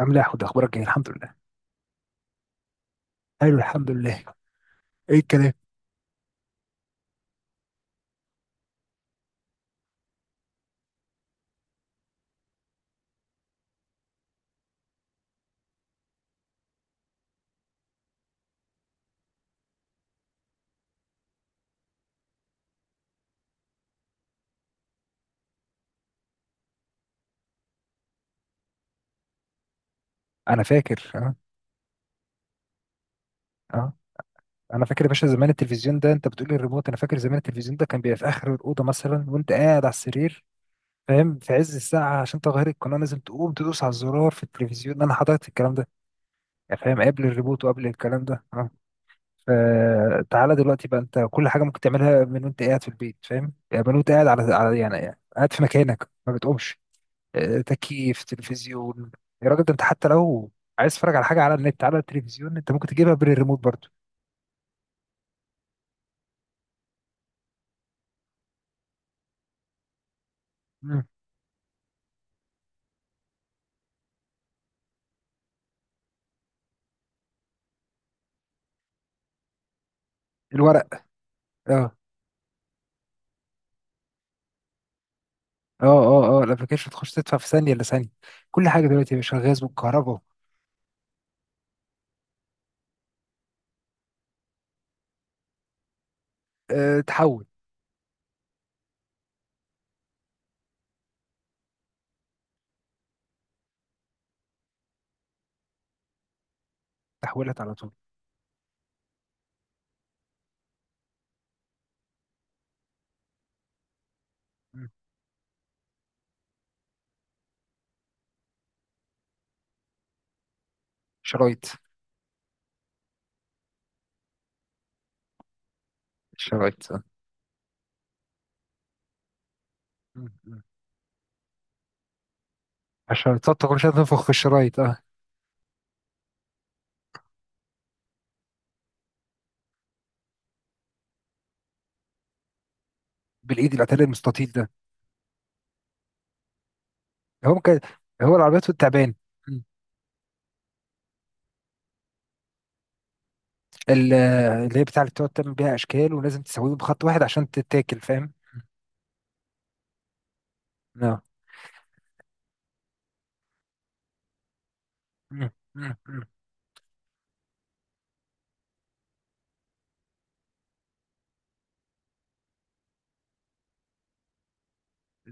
عامل ايه يا حود، اخبارك ايه؟ الحمد لله. ايوه الحمد لله. ايه الكلام؟ انا فاكر اه. اه انا فاكر يا باشا زمان التلفزيون ده انت بتقول الريموت، انا فاكر زمان التلفزيون ده كان بيبقى في اخر الاوضه مثلا وانت قاعد على السرير، فاهم؟ في عز الساعه عشان تغير القناه لازم تقوم تدوس على الزرار في التلفزيون، انا حضرت الكلام ده. يعني فاهم قبل الريموت وقبل الكلام ده اه. فتعالى دلوقتي بقى انت كل حاجه ممكن تعملها من وانت قاعد في البيت، فاهم؟ يعني من وانت قاعد على يعني قاعد في مكانك ما بتقومش. تكييف، تلفزيون. يا راجل ده انت حتى لو عايز تتفرج على حاجه على النت، على التلفزيون انت ممكن تجيبها بالريموت برضو. مم. الورق. اه اه الابلكيشن تخش تدفع في ثانيه الا ثانيه. كل حاجه دلوقتي يا باشا، غاز والكهرباء. أه تحول. تحولت على طول. مم. شرايط. الشرايط اه. مم. مم. عشان تقعد كل شويه تنفخ في الشرايط اه. بالايد العتال المستطيل ده. هو ممكن. هو العربيات والتعبان. مم. ال- اللي هي بتاع اللي بتقعد تعمل بيها اشكال ولازم تسويه بخط واحد عشان تتاكل، فاهم؟ مم. مم. مم.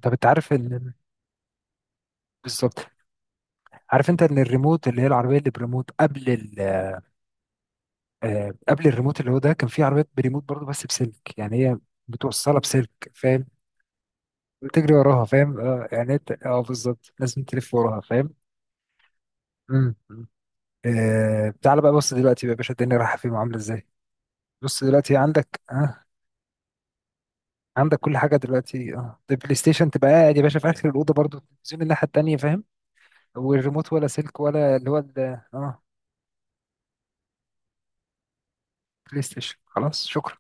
طب انت عارف ال... بالظبط. عارف انت ان الريموت اللي هي العربيه اللي بريموت قبل ال... قبل الريموت اللي هو ده كان في عربيات بريموت برضه بس بسلك، يعني هي بتوصلها بسلك، فاهم؟ وتجري وراها، فاهم؟ اه يعني انت اه بالظبط لازم تلف وراها، فاهم؟ مم. مم. آه... تعالى بقى بص دلوقتي بقى يا باشا، الدنيا رايحه فين وعامله ازاي. بص دلوقتي عندك اه، عندك كل حاجه دلوقتي اه، البلاي ستيشن تبقى قاعد يا باشا في اخر الاوضه برضه، التلفزيون الناحيه التانيه، فاهم؟ والريموت ولا سلك ولا اللي هو ال- اه، بلاي ستيشن خلاص، شكرا.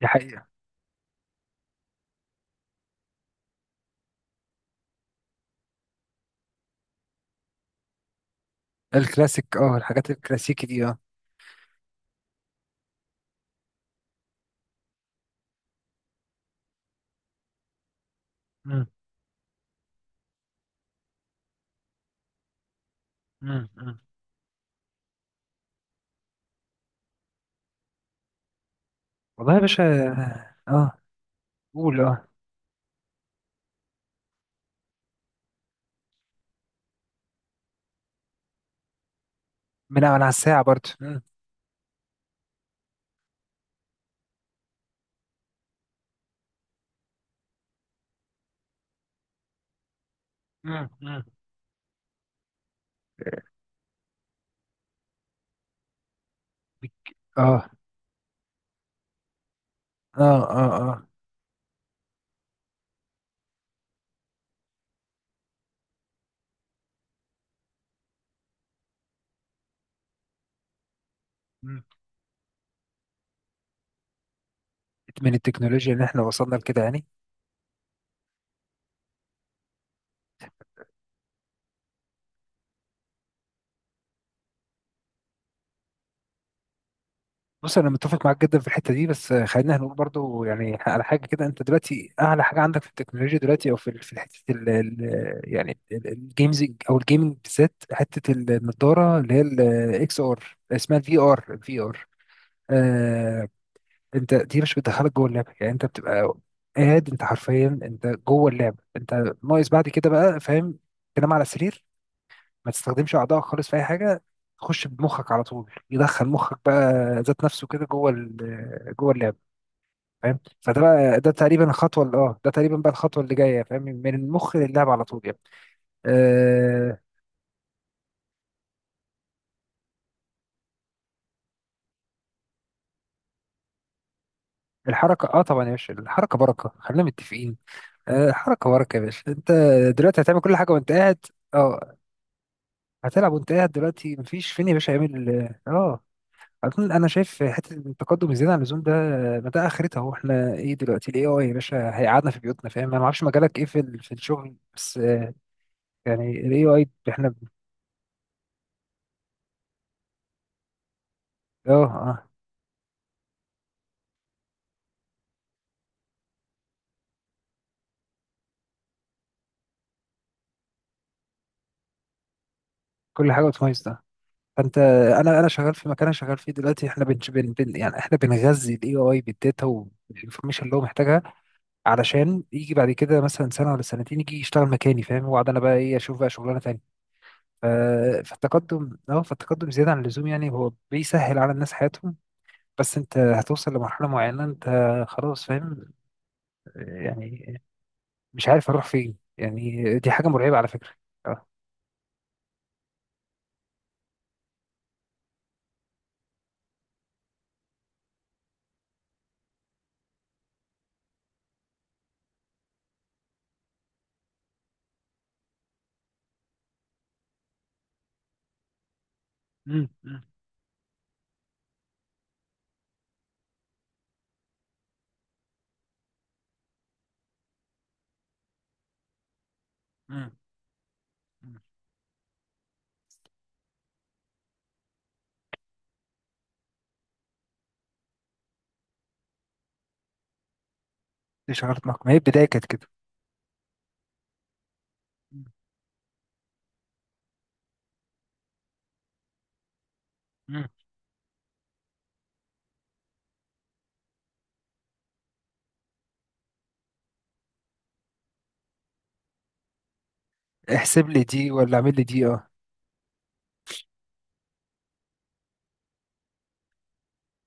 دي حقيقة. الكلاسيك اه، الحاجات الكلاسيكي دي اه. مم. مم. مم. والله يا باشا. اه قول اه. من على على الساعة برضه مم. مم. مم. بك- اه. اه اه اه مم. من التكنولوجيا اللي احنا وصلنا لكده يعني. بص انا متفق معاك جدا في الحته دي، بس خلينا هنقول برضو يعني على حاجه كده، انت دلوقتي اعلى حاجه عندك في التكنولوجيا دلوقتي او في ال- في حته ال ال- يعني الجيمز او الجيمنج بالذات، حته النضاره اللي هي الاكس ار، اسمها الفي ار، الفي ار. آه. انت دي مش بتدخلك جوه اللعبه؟ يعني انت بتبقى قاعد، انت حرفيا انت جوه اللعبه. انت ناقص بعد كده بقى، فاهم؟ تنام على سرير، ما تستخدمش اعضائك خالص في اي حاجه، تخش بمخك على طول، يدخل مخك بقى ذات نفسه كده جوه ال- جوه اللعب، فاهم؟ فده بقى ده تقريبا الخطوه اللي اه، ده تقريبا بقى الخطوه اللي جايه، فاهم؟ من المخ للعب على طول يعني. آه. الحركه اه، طبعا يا باشا الحركه بركه، خلينا متفقين. آه الحركه بركه يا باشا انت. دلوقتي هتعمل كل حاجه وانت قاعد. اه، هتلعب وانت قاعد دلوقتي، مفيش فين يا باشا يعمل. اه آه. أظن أنا شايف حتة التقدم الزيادة عن اللزوم ده، ما ده آخرتها؟ هو إحنا إيه دلوقتي؟ ال AI يا باشا هيقعدنا في بيوتنا، فاهم؟ أنا ما أعرفش مجالك إيه في ال- في الشغل، بس آه، يعني ال AI إحنا ب-. آه آه. كل حاجة بتميز ده. فأنت، أنا أنا شغال في مكان، أنا شغال فيه دلوقتي إحنا يعني إحنا بنغذي ال AI بالداتا والإنفورميشن اللي هو محتاجها، علشان يجي بعد كده مثلا سنة ولا سنتين يجي يشتغل مكاني، فاهم؟ وأقعد أنا بقى إيه، أشوف بقى شغلانة تانية. ف-. فالتقدم زيادة عن اللزوم يعني، هو بيسهل على الناس حياتهم بس انت هتوصل لمرحلة معينة انت خلاص، فاهم؟ يعني مش عارف اروح فين، يعني دي حاجة مرعبة على فكرة. اه مم، مم، مم، مم. دي شعرت نقم، ما هي البداية كانت كده. مم، مم. احسب لي دي ولا اعمل لي دي اه.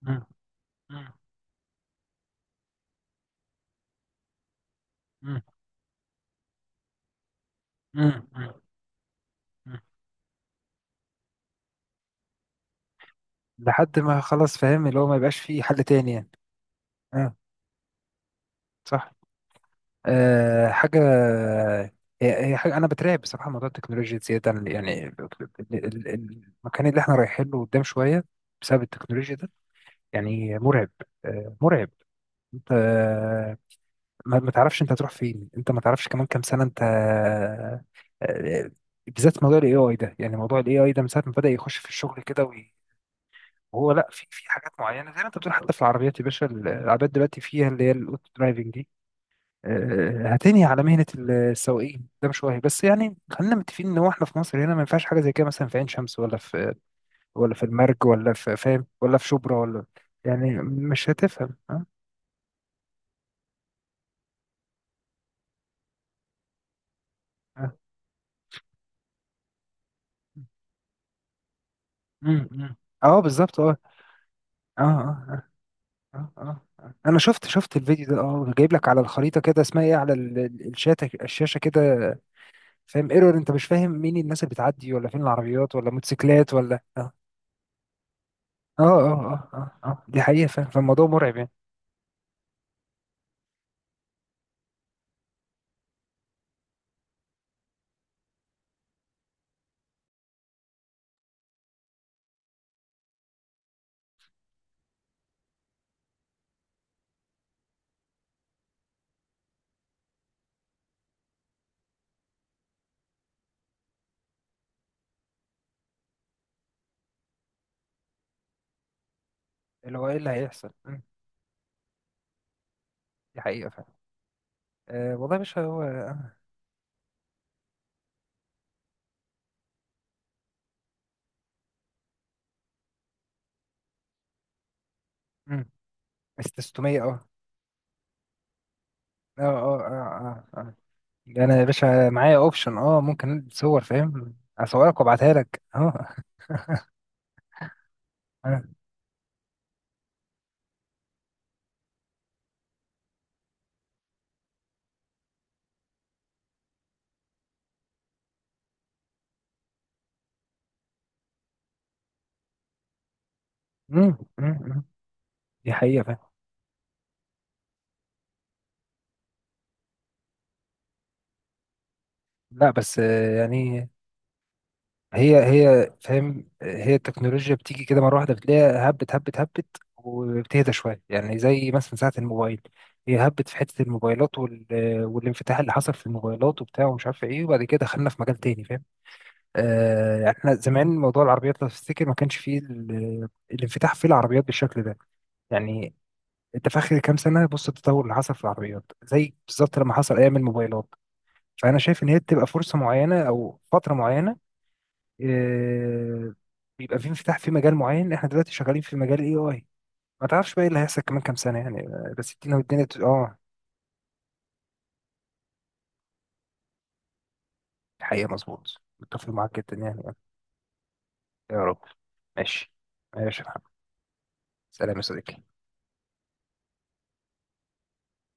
مم، مم، مم، مم، مم، مم. لحد ما خلاص، فاهم؟ اللي هو ما يبقاش فيه حل تاني يعني. اه. صح. أه حاجة. هي هي حاجة أنا بترعب بصراحة، موضوع التكنولوجيا زيادة عن- يعني ال- ال- ال- المكان اللي احنا رايحين له قدام شوية بسبب التكنولوجيا ده يعني مرعب، أه مرعب. أنت آه، ما ما تعرفش أنت هتروح فين، أنت ما تعرفش كمان كام سنة أنت آه، آه، بالذات موضوع الاي اي ده، يعني موضوع الاي اي ده من ساعة ما بدأ يخش في الشغل كده وي-، وهو لا، في حاجات معينة زي ما أنت بتقول، حتى في العربيات يا باشا، العربيات دلوقتي فيها اللي هي الأوتو درايفنج دي آه، هتنهي على مهنة ال- السواقين ده، مش وهي بس، يعني خلينا متفقين ان هو احنا في مصر هنا ما ينفعش حاجة زي كده، مثلا في عين شمس ولا في، ولا في المرج ولا في فاهم، ولا في شبرا ولا، يعني مش هتفهم اه. اه مم، مم. آه، بالظبط اه. اه اه اه اه آه انا شفت، شفت الفيديو ده اه، جايب لك على الخريطة كده اسمها ايه، على ال- ال- الشاشة، الشاشة كده، فاهم؟ ايرور. انت مش فاهم مين الناس اللي بتعدي ولا فين العربيات ولا موتوسيكلات ولا اه. اه اه اه اه آه. دي حقيقة، فاهم؟ فالموضوع مرعب يعني. اللي هو ايه اللي هيحصل؟ مم. دي حقيقة فعلا. أه والله يا باشا هو. مم. استستومية اه. اه اه اه اه اه. ده انا يا باشا معايا اوبشن اه، ممكن أنت تصور، فاهم؟ اصورك وابعتها لك اه. آه. مم. مم. مم. دي حقيقة فعلا. لا بس آه، يعني هي هي فاهم، هي التكنولوجيا بتيجي كده مرة واحدة، بتلاقيها هبت هبت هبت، وبتهدى شوية يعني، زي مثلا ساعة الموبايل، هي هبت في حتة الموبايلات وال...، والانفتاح اللي حصل في الموبايلات وبتاع ومش عارف ايه، وبعد كده دخلنا في مجال تاني، فاهم؟ آه، يعني احنا زمان موضوع العربيات لو تفتكر ما كانش فيه ال- الانفتاح في العربيات بالشكل ده، يعني انت في اخر كام سنه بص التطور اللي حصل في العربيات زي بالظبط لما حصل ايام الموبايلات. فانا شايف ان هي بتبقى فرصه معينه او فتره معينه، آه، بيبقى في انفتاح في مجال معين، احنا دلوقتي شغالين في مجال الاي اي، ما تعرفش بقى ايه اللي هيحصل كمان كام سنه، يعني آه، بس الدنيا، والدنيا بت- اه. الحقيقه مظبوط، متفق معاك جدا يعني. يا رب. ماشي. ماشي يا محمد. سلام يا صديقي.